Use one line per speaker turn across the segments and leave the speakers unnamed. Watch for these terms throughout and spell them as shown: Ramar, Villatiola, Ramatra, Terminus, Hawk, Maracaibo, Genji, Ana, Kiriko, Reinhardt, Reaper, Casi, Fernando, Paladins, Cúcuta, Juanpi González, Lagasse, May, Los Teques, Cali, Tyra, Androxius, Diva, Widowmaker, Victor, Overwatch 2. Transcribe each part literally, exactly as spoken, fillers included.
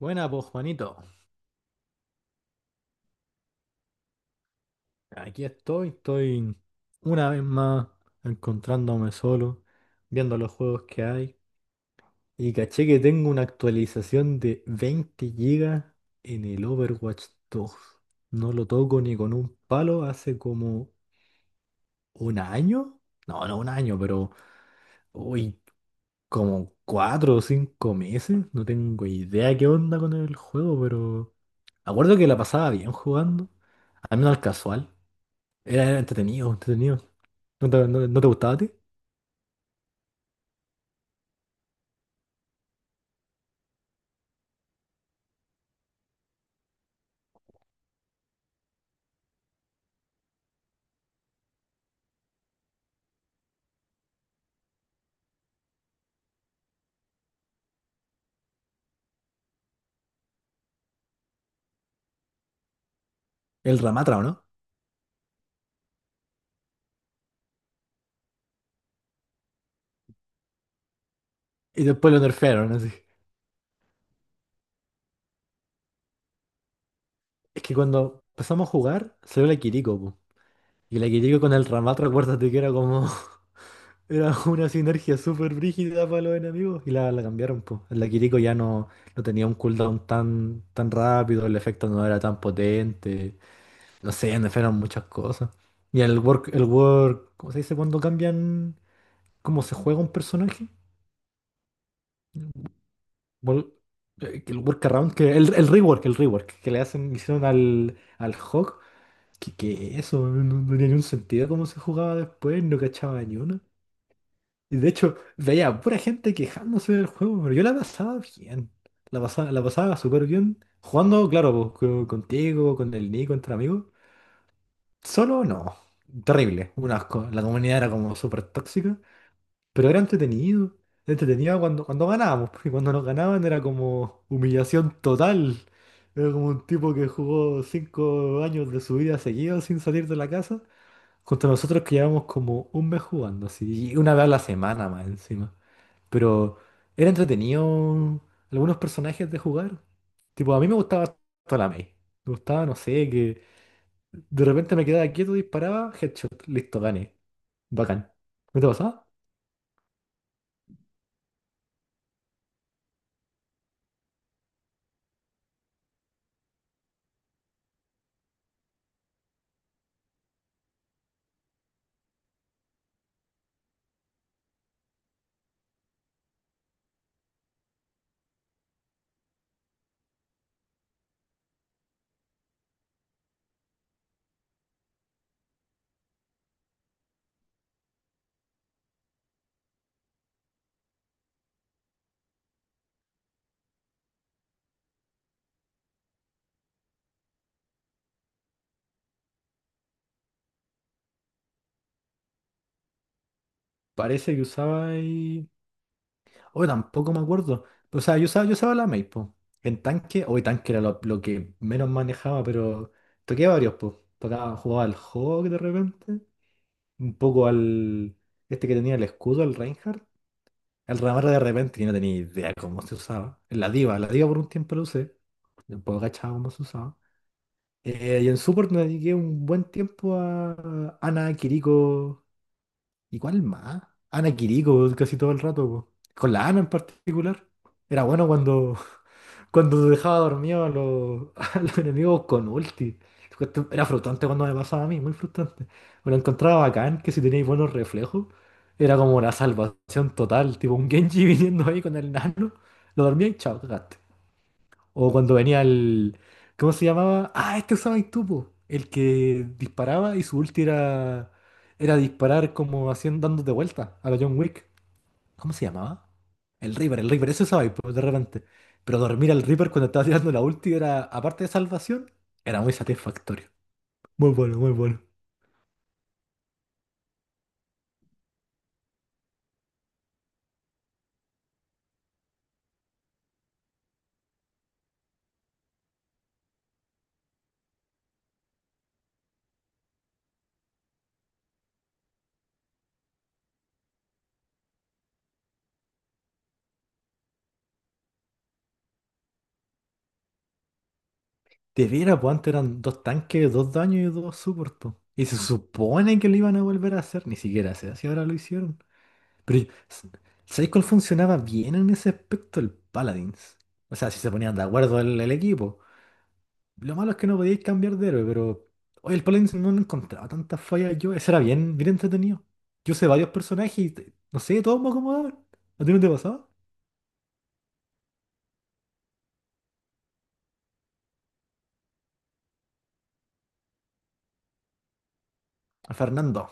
Buena, pues Juanito. Aquí estoy, estoy una vez más encontrándome solo, viendo los juegos que hay. Y caché que tengo una actualización de veinte gigas en el Overwatch dos. No lo toco ni con un palo hace como un año. No, no un año, pero uy, como cuatro o cinco meses. No tengo idea qué onda con el juego, pero me acuerdo que la pasaba bien jugando, al menos al casual. Era era entretenido, entretenido. ¿No te, no- no te gustaba a ti? El Ramatra, ¿o no? Y después lo nerfearon, así. Es que cuando empezamos a jugar, salió la Kiriko, po. Y la Kiriko con el Ramatra, acuérdate que era como. Era una sinergia súper brígida para los enemigos. Y la, la cambiaron, po. La Kiriko ya no, no tenía un cooldown tan, tan rápido, el efecto no era tan potente. No sé, nerfearon muchas cosas. Y el work, el work... ¿Cómo se dice cuando cambian cómo se juega un personaje? Wor- eh, que el workaround, que el, el rework, el rework que le hacen, hicieron al, al Hawk, que, que eso no, no no tenía ningún sentido cómo se jugaba después, no cachaba ni una. Y de hecho, veía a pura gente quejándose del juego, pero yo la pasaba bien. La pasaba, la pasaba súper bien. Jugando, claro, pues, co- contigo, con el Nico, entre amigos. Solo no. Terrible, un asco. La comunidad era como súper tóxica. Pero era entretenido. Entretenido cuando, cuando ganábamos, porque cuando nos ganaban era como humillación total. Era como un tipo que jugó cinco años de su vida seguido sin salir de la casa, contra nosotros que llevamos como un mes jugando, así, y una vez a la semana más encima. Pero era entretenido algunos personajes de jugar. Tipo, a mí me gustaba toda la May. Me gustaba, no sé, que de repente me quedaba quieto, disparaba, headshot, listo, gané. Bacán. ¿No te pasaba? Parece que usaba Hoy tampoco me acuerdo. O sea, yo usaba, yo usaba la Mail, po. En tanque, hoy tanque era lo, lo que menos manejaba, pero toqué varios, pues. Tocaba, jugaba al Hawk de repente. Un poco al. Este que tenía el escudo, el Reinhardt. Al Ramar de repente, que no tenía idea cómo se usaba. La Diva, la Diva por un tiempo lo usé. Después cachaba cómo se usaba. Eh, y en support me dediqué un buen tiempo a Ana Kiriko. ¿Y cuál más? Ana Quirico casi todo el rato, po. Con la Ana en particular. Era bueno cuando, cuando dejaba dormido a los, a los enemigos con ulti. Era frustrante cuando me pasaba a mí, muy frustrante. Me lo encontraba bacán, que si teníais buenos reflejos, era como la salvación total. Tipo un Genji viniendo ahí con el nano, lo dormía y chao, cagaste. O cuando venía el. ¿Cómo se llamaba? Ah, este usabas tú, po. El que disparaba y su ulti era. Era disparar como haciendo, dándote vuelta a la John Wick. ¿Cómo se llamaba? El Reaper, el Reaper, eso usabais, po, de repente. Pero dormir al Reaper cuando estaba tirando la ulti era, aparte de salvación, era muy satisfactorio. Muy bueno, muy bueno. Te viera, pues antes eran dos tanques, dos daños y dos support, po. Y se supone que lo iban a volver a hacer, ni siquiera se hace, ahora lo hicieron. Pero, yo- s- ¿sabéis cuál funcionaba bien en ese aspecto? El Paladins. O sea, si se ponían de acuerdo el, el equipo. Lo malo es que no podíais cambiar de héroe, pero. Oye, el Paladins no le encontraba tantas fallas yo. Ese era bien, bien entretenido. Yo sé varios personajes y te- no sé, todos me acomodaban. ¿A ti no te pasaba? A Fernando.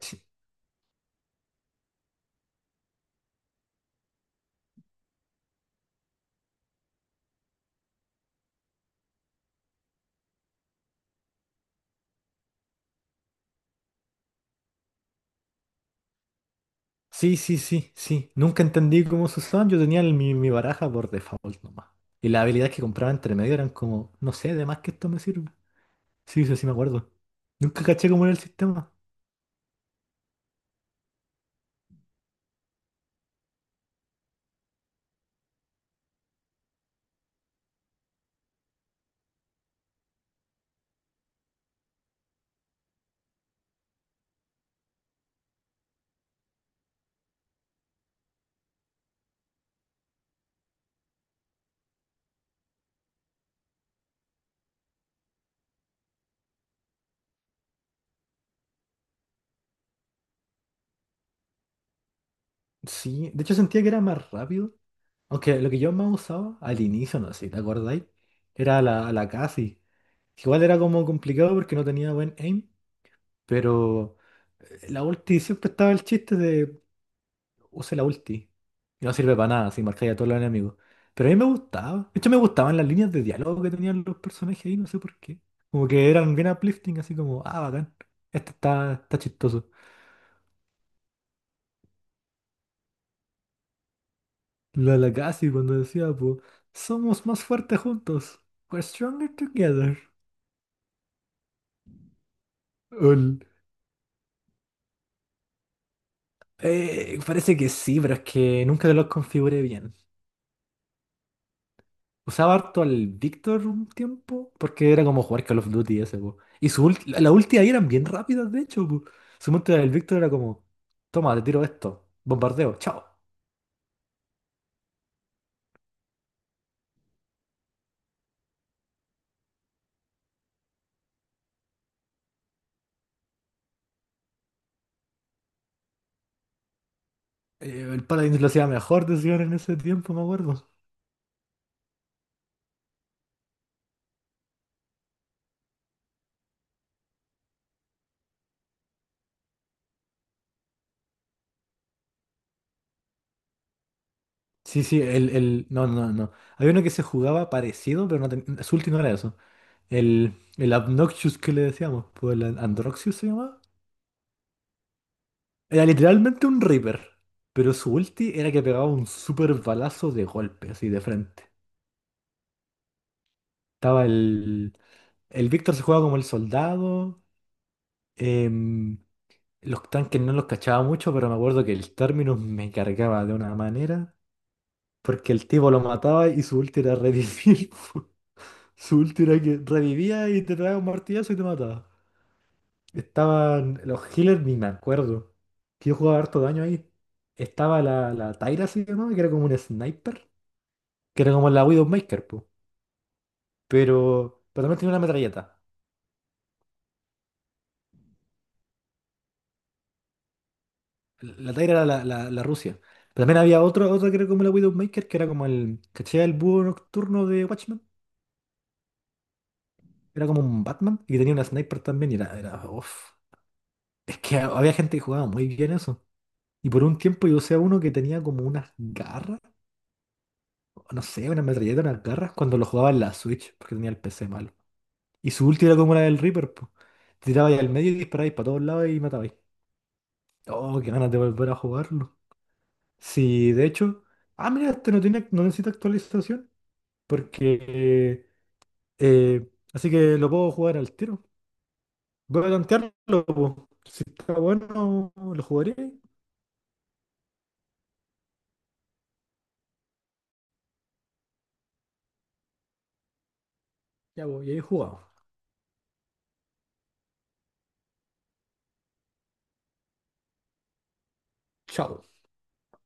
Sí, sí, sí, sí, sí. Nunca entendí cómo se usaban. Yo tenía el- mi, mi baraja por default nomás. Y las habilidades que compraba entre medio eran como, no sé, de más que esto me sirve. Sí, sí, sí me acuerdo. Nunca caché cómo era el sistema. Sí, de hecho sentía que era más rápido. Aunque lo que yo más usaba al inicio, no sé si te acordáis, era la, la Casi. Igual era como complicado porque no tenía buen aim, pero eh, la ulti siempre estaba el chiste de use la ulti. Y no sirve para nada si marcáis a todos los enemigos. Pero a mí me gustaba. De hecho, me gustaban las líneas de diálogo que tenían los personajes ahí, no sé por qué. Como que eran bien uplifting, así como, ah, bacán. Este está, está chistoso. La Lagasse cuando decía, pues, somos más fuertes juntos. We're stronger together. Ol. Eh, parece que sí, pero es que nunca los configuré bien. Usaba harto al Victor un tiempo, porque era como jugar Call of Duty ese, po. Y su ulti- la la ulti ahí eran bien rápidas, de hecho, po. Su ulti del Victor era como, toma, te tiro esto, bombardeo, chao. Eh, el Paladin lo hacía mejor, decían en ese tiempo, me acuerdo. Sí, sí, el, el... No, no, no. Había uno que se jugaba parecido, pero no ten- su ulti no era eso. El, el Obnoxious que le decíamos, pues el An- Androxius se llamaba. Era literalmente un Reaper, pero su ulti era que pegaba un super balazo de golpe, así de frente. Estaba el. El Víctor se jugaba como el soldado. em, los tanques no los cachaba mucho, pero me acuerdo que el Terminus me cargaba de una manera. Porque el tipo lo mataba y su ulti era revivir. Su ulti era que revivía y te traía un martillazo y te mataba. Estaban los healers, ni me acuerdo. Que yo jugaba harto daño ahí. Estaba la, la Tyra, ¿sí o no? Que era como un sniper. Que era como la Widowmaker, po. Pero, pero también tenía una metralleta. La Tyra era la, la, la Rusia. Pero también había otro, otro que era como la Widowmaker, que era como el. ¿Cachai? El búho nocturno de Watchmen. Era como un Batman. Y tenía una sniper también. Y era... era uf. Es que había gente que jugaba muy bien eso. Y por un tiempo yo usé a uno que tenía como unas garras. O no sé, una metralleta, unas garras, cuando lo jugaba en la Switch, porque tenía el P C malo. Y su ulti era como la del Reaper, pues. Tirabais al medio y disparabais para todos lados y matabais. Oh, qué ganas de volver a jugarlo. Sí, de hecho. Ah, mira, este no tiene, no necesita actualización. Porque. Eh, así que lo puedo jugar al tiro. Voy a tantearlo, po. Si está bueno, lo jugaré. Ya, voy, y ahí jugado. Chao.